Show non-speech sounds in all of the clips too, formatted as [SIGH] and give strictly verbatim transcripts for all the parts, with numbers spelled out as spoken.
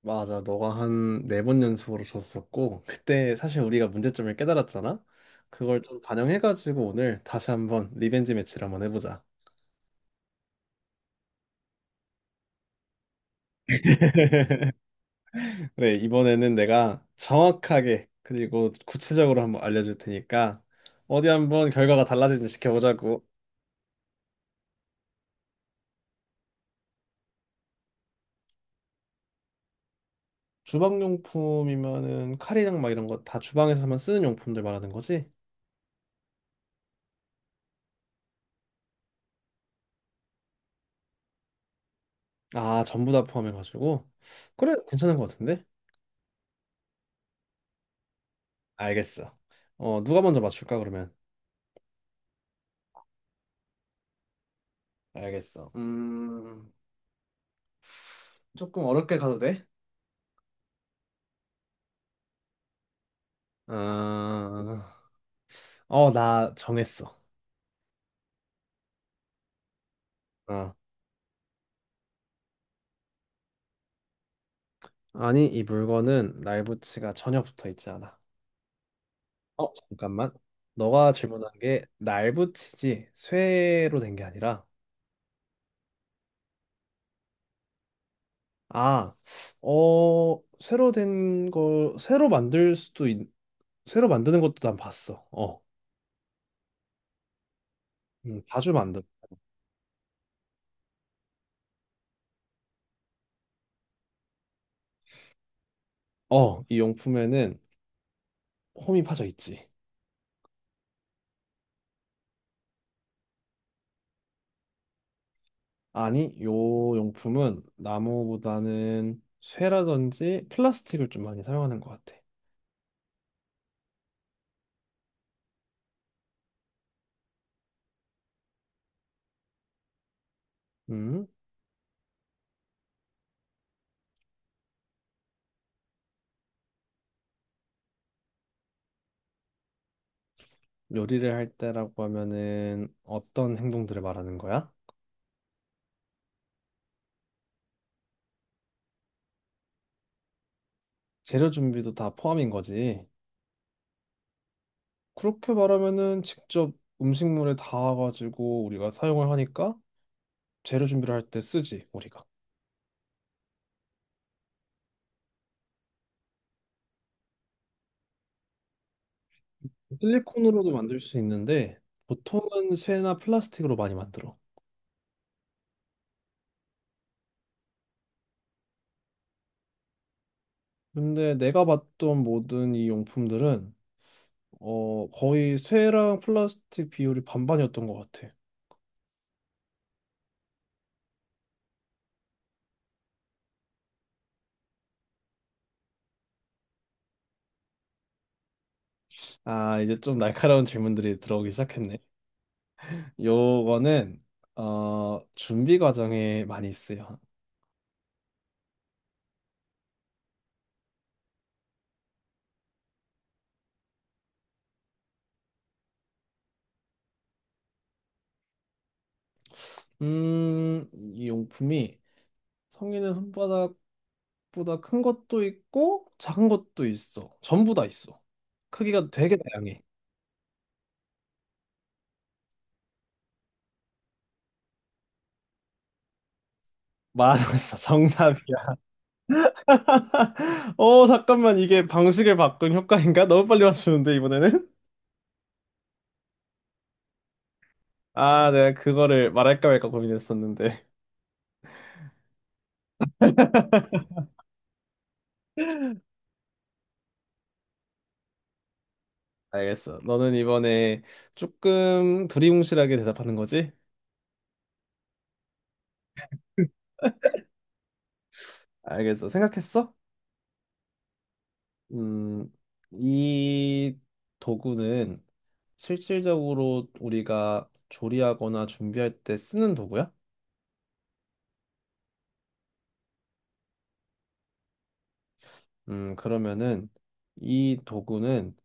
맞아. 너가 한 네 번 연속으로 줬었고, 그때 사실 우리가 문제점을 깨달았잖아? 그걸 좀 반영해가지고 오늘 다시 한번 리벤지 매치를 한번 해보자. [LAUGHS] 그래, 이번에는 내가 정확하게 그리고 구체적으로 한번 알려줄 테니까 어디 한번 결과가 달라지는지 지켜보자고. 주방용품이면은 칼이랑 막 이런 거 다 주방에서만 쓰는 용품들 말하는 거지? 아, 전부 다 포함해가지고. 그래, 괜찮은 것 같은데? 알겠어. 어, 누가 먼저 맞출까, 그러면? 알겠어. 음, 조금 어렵게 가도 돼? 아, 어, 나 정했어. 어. 아니, 이 물건은 날붙이가 전혀 붙어 있지 않아. 어, 잠깐만. 너가 질문한 게 날붙이지 쇠로 된 게 아니라 아, 어, 쇠로 된 거, 쇠로 만들 수도 있, 쇠로 만드는 것도 난 봤어. 어, 음, 자주 만든. 어, 이 용품에는 홈이 파져 있지. 아니, 요 용품은 나무보다는 쇠라든지 플라스틱을 좀 많이 사용하는 것 같아. 음? 요리를 할 때라고 하면은 어떤 행동들을 말하는 거야? 재료 준비도 다 포함인 거지. 그렇게 말하면은 직접 음식물에 닿아가지고 우리가 사용을 하니까 재료 준비를 할 때 쓰지, 우리가. 실리콘으로도 만들 수 있는데 보통은 쇠나 플라스틱으로 많이 만들어. 근데 내가 봤던 모든 이 용품들은 어, 거의 쇠랑 플라스틱 비율이 반반이었던 것 같아. 아, 이제 좀 날카로운 질문들이 들어오기 시작했네. 요거는, 어, 준비 과정에 많이 쓰요 음, 이 용품이 성인의 손바닥보다 큰 것도 있고, 작은 것도 있어. 전부 다 있어. 크기가 되게 다양해. 맞았어, [LAUGHS] 정답이야. 어, 잠깐만, 이게 방식을 바꾼 효과인가? 너무 빨리 맞추는데, 이번에는? 아, 내가 그거를 말할까 말까 고민했었는데. 알겠어. 너는 이번에 조금 두리뭉실하게 대답하는 거지? 알겠어. 생각했어? 음, 이 도구는 실질적으로 우리가 조리하거나 준비할 때 쓰는 도구야? 음, 그러면은 이 도구는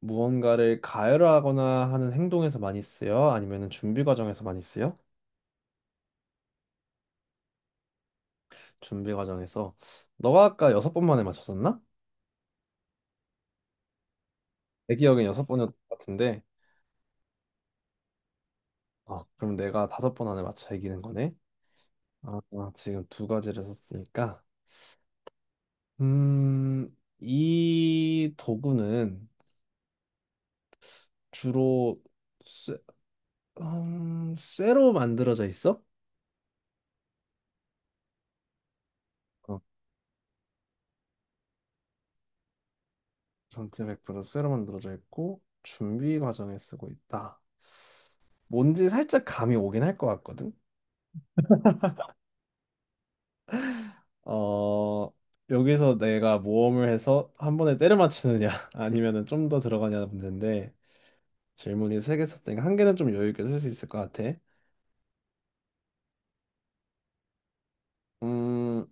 무언가를 가열하거나 하는 행동에서 많이 쓰여? 아니면은 준비 과정에서 많이 쓰여? 준비 과정에서. 너가 아까 여섯 번 만에 맞췄었나? 내 기억엔 여섯 번이었던 것 같은데. 아, 그럼 내가 다섯 번 안에 맞춰 이기는 거네? 아, 아, 지금 두 가지를 썼으니까. 음, 이 도구는 주로 쇠, 음, 쇠로 만들어져 있어? 어, 전체 백 퍼센트 쇠로 만들어져 있고 준비 과정에 쓰고 있다. 뭔지 살짝 감이 오긴 할 것 같거든? 어, 여기서 내가 모험을 해서 한 번에 때려 맞추느냐 [LAUGHS] 아니면은 좀 더 들어가냐는 문제인데 질문이 세 개 썼으니까 한 개는 좀 여유 있게 쓸 수 있을 것 같아. 음,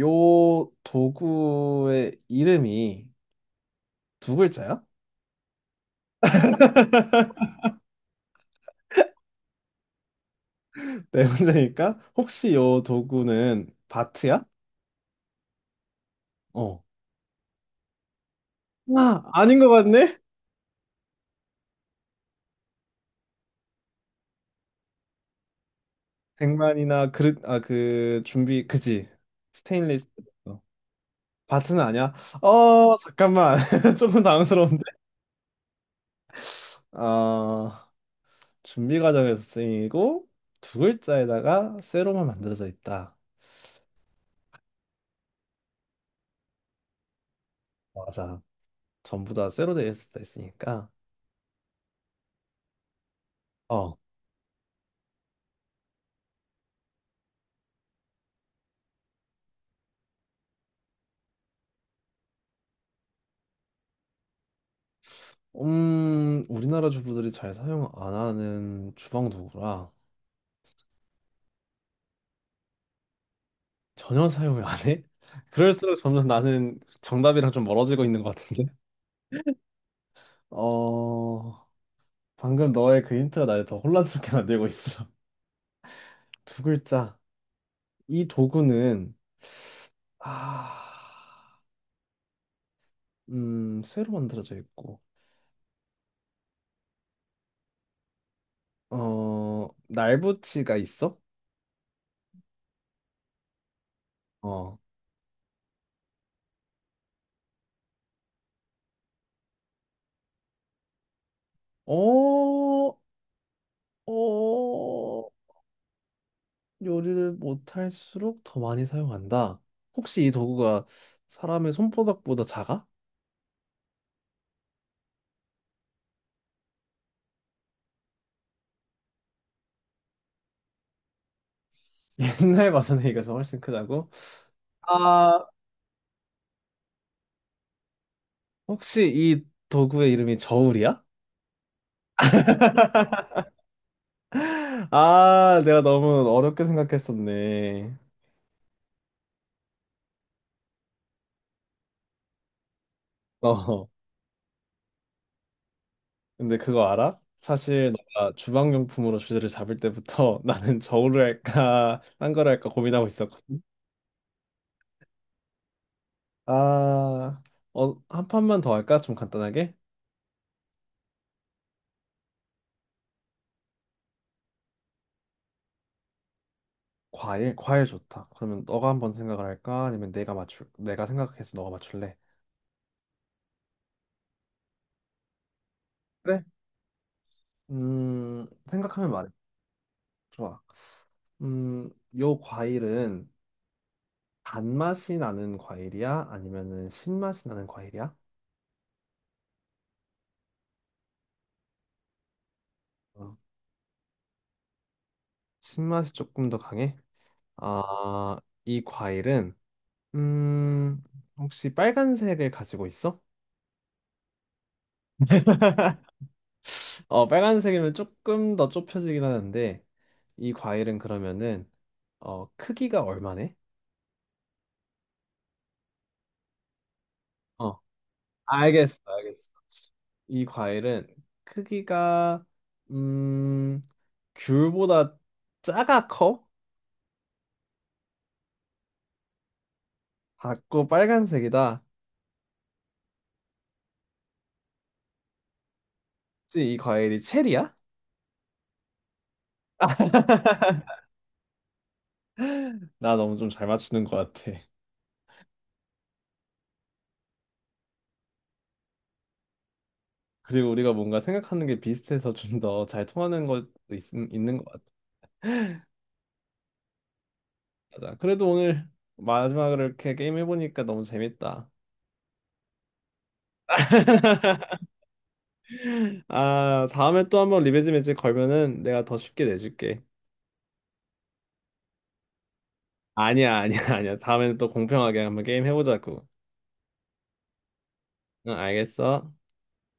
요 도구의 이름이 두 글자야? [LAUGHS] 네 문제니까 혹시 요 도구는 바트야? 어. 아, 아닌 것 같네? 백만이나 그릇, 아, 그 준비, 그지? 스테인리스. 어. 바트는 아니야? 어, 잠깐만. [LAUGHS] 조금 당황스러운데. 어, 준비 과정에서 쓰이고 두 글자에다가 쇠로만 만들어져 있다. 맞아. 전부 다 쇠로 되어 있을 수 있으니까. 어. 음, 우리나라 주부들이 잘 사용 안 하는 주방 도구라 전혀 사용을 안 해? [LAUGHS] 그럴수록 점점 나는 정답이랑 좀 멀어지고 있는 것 같은데? 어, 방금 너의 그 힌트가 나를 더 혼란스럽게 만들고 있어. [LAUGHS] 두 글자. 이 도구는, 아, 음, 쇠로 만들어져 있고, 어, 날붙이가 있어? 어, 어, 어, 요리를 못할수록 더 많이 사용한다. 혹시 이 도구가 사람의 손바닥보다 작아? [LAUGHS] 옛날 버전에 이가서 훨씬 크다고? 아, 혹시 이 도구의 이름이 저울이야? 아, 내가 너무 어렵게 생각했었네. 어, 근데 그거 알아? 사실 너가 주방용품으로 주제를 잡을 때부터 [LAUGHS] 나는 저울을 할까, 딴 걸 할까 고민하고 있었거든. 아, 어, 한 판만 더 할까? 좀 간단하게? 과일, 과일 좋다. 그러면 너가 한번 생각을 할까? 아니면 내가 맞출, 내가 생각해서 너가 맞출래? 그래? 음, 생각하면 말해. 좋아. 음, 요 과일은 단맛이 나는 과일이야? 아니면은 신맛이 나는 과일이야? 어, 신맛이 조금 더 강해? 아, 이 과일은 음, 혹시 빨간색을 가지고 있어? [LAUGHS] 어, 빨간색이면 조금 더 좁혀지긴 하는데 이 과일은 그러면은 어, 크기가 얼마네? 알겠어, 알겠어. 이 과일은 크기가 음 귤보다 작아 커? 작고 빨간색이다. 혹시 이 과일이 체리야? [LAUGHS] 나 너무 좀 잘 맞추는 것 같아. 그리고 우리가 뭔가 생각하는 게 비슷해서 좀 더 잘 통하는 것도 있, 있는 것 같아. 맞아. 그래도 오늘 마지막으로 이렇게 게임 해보니까 너무 재밌다. [LAUGHS] 아, 다음에 또 한번 리베지 매치 걸면은 내가 더 쉽게 내줄게. 아니야, 아니야, 아니야. 다음에는 또 공평하게 한번 게임 해보자고. 응, 알겠어.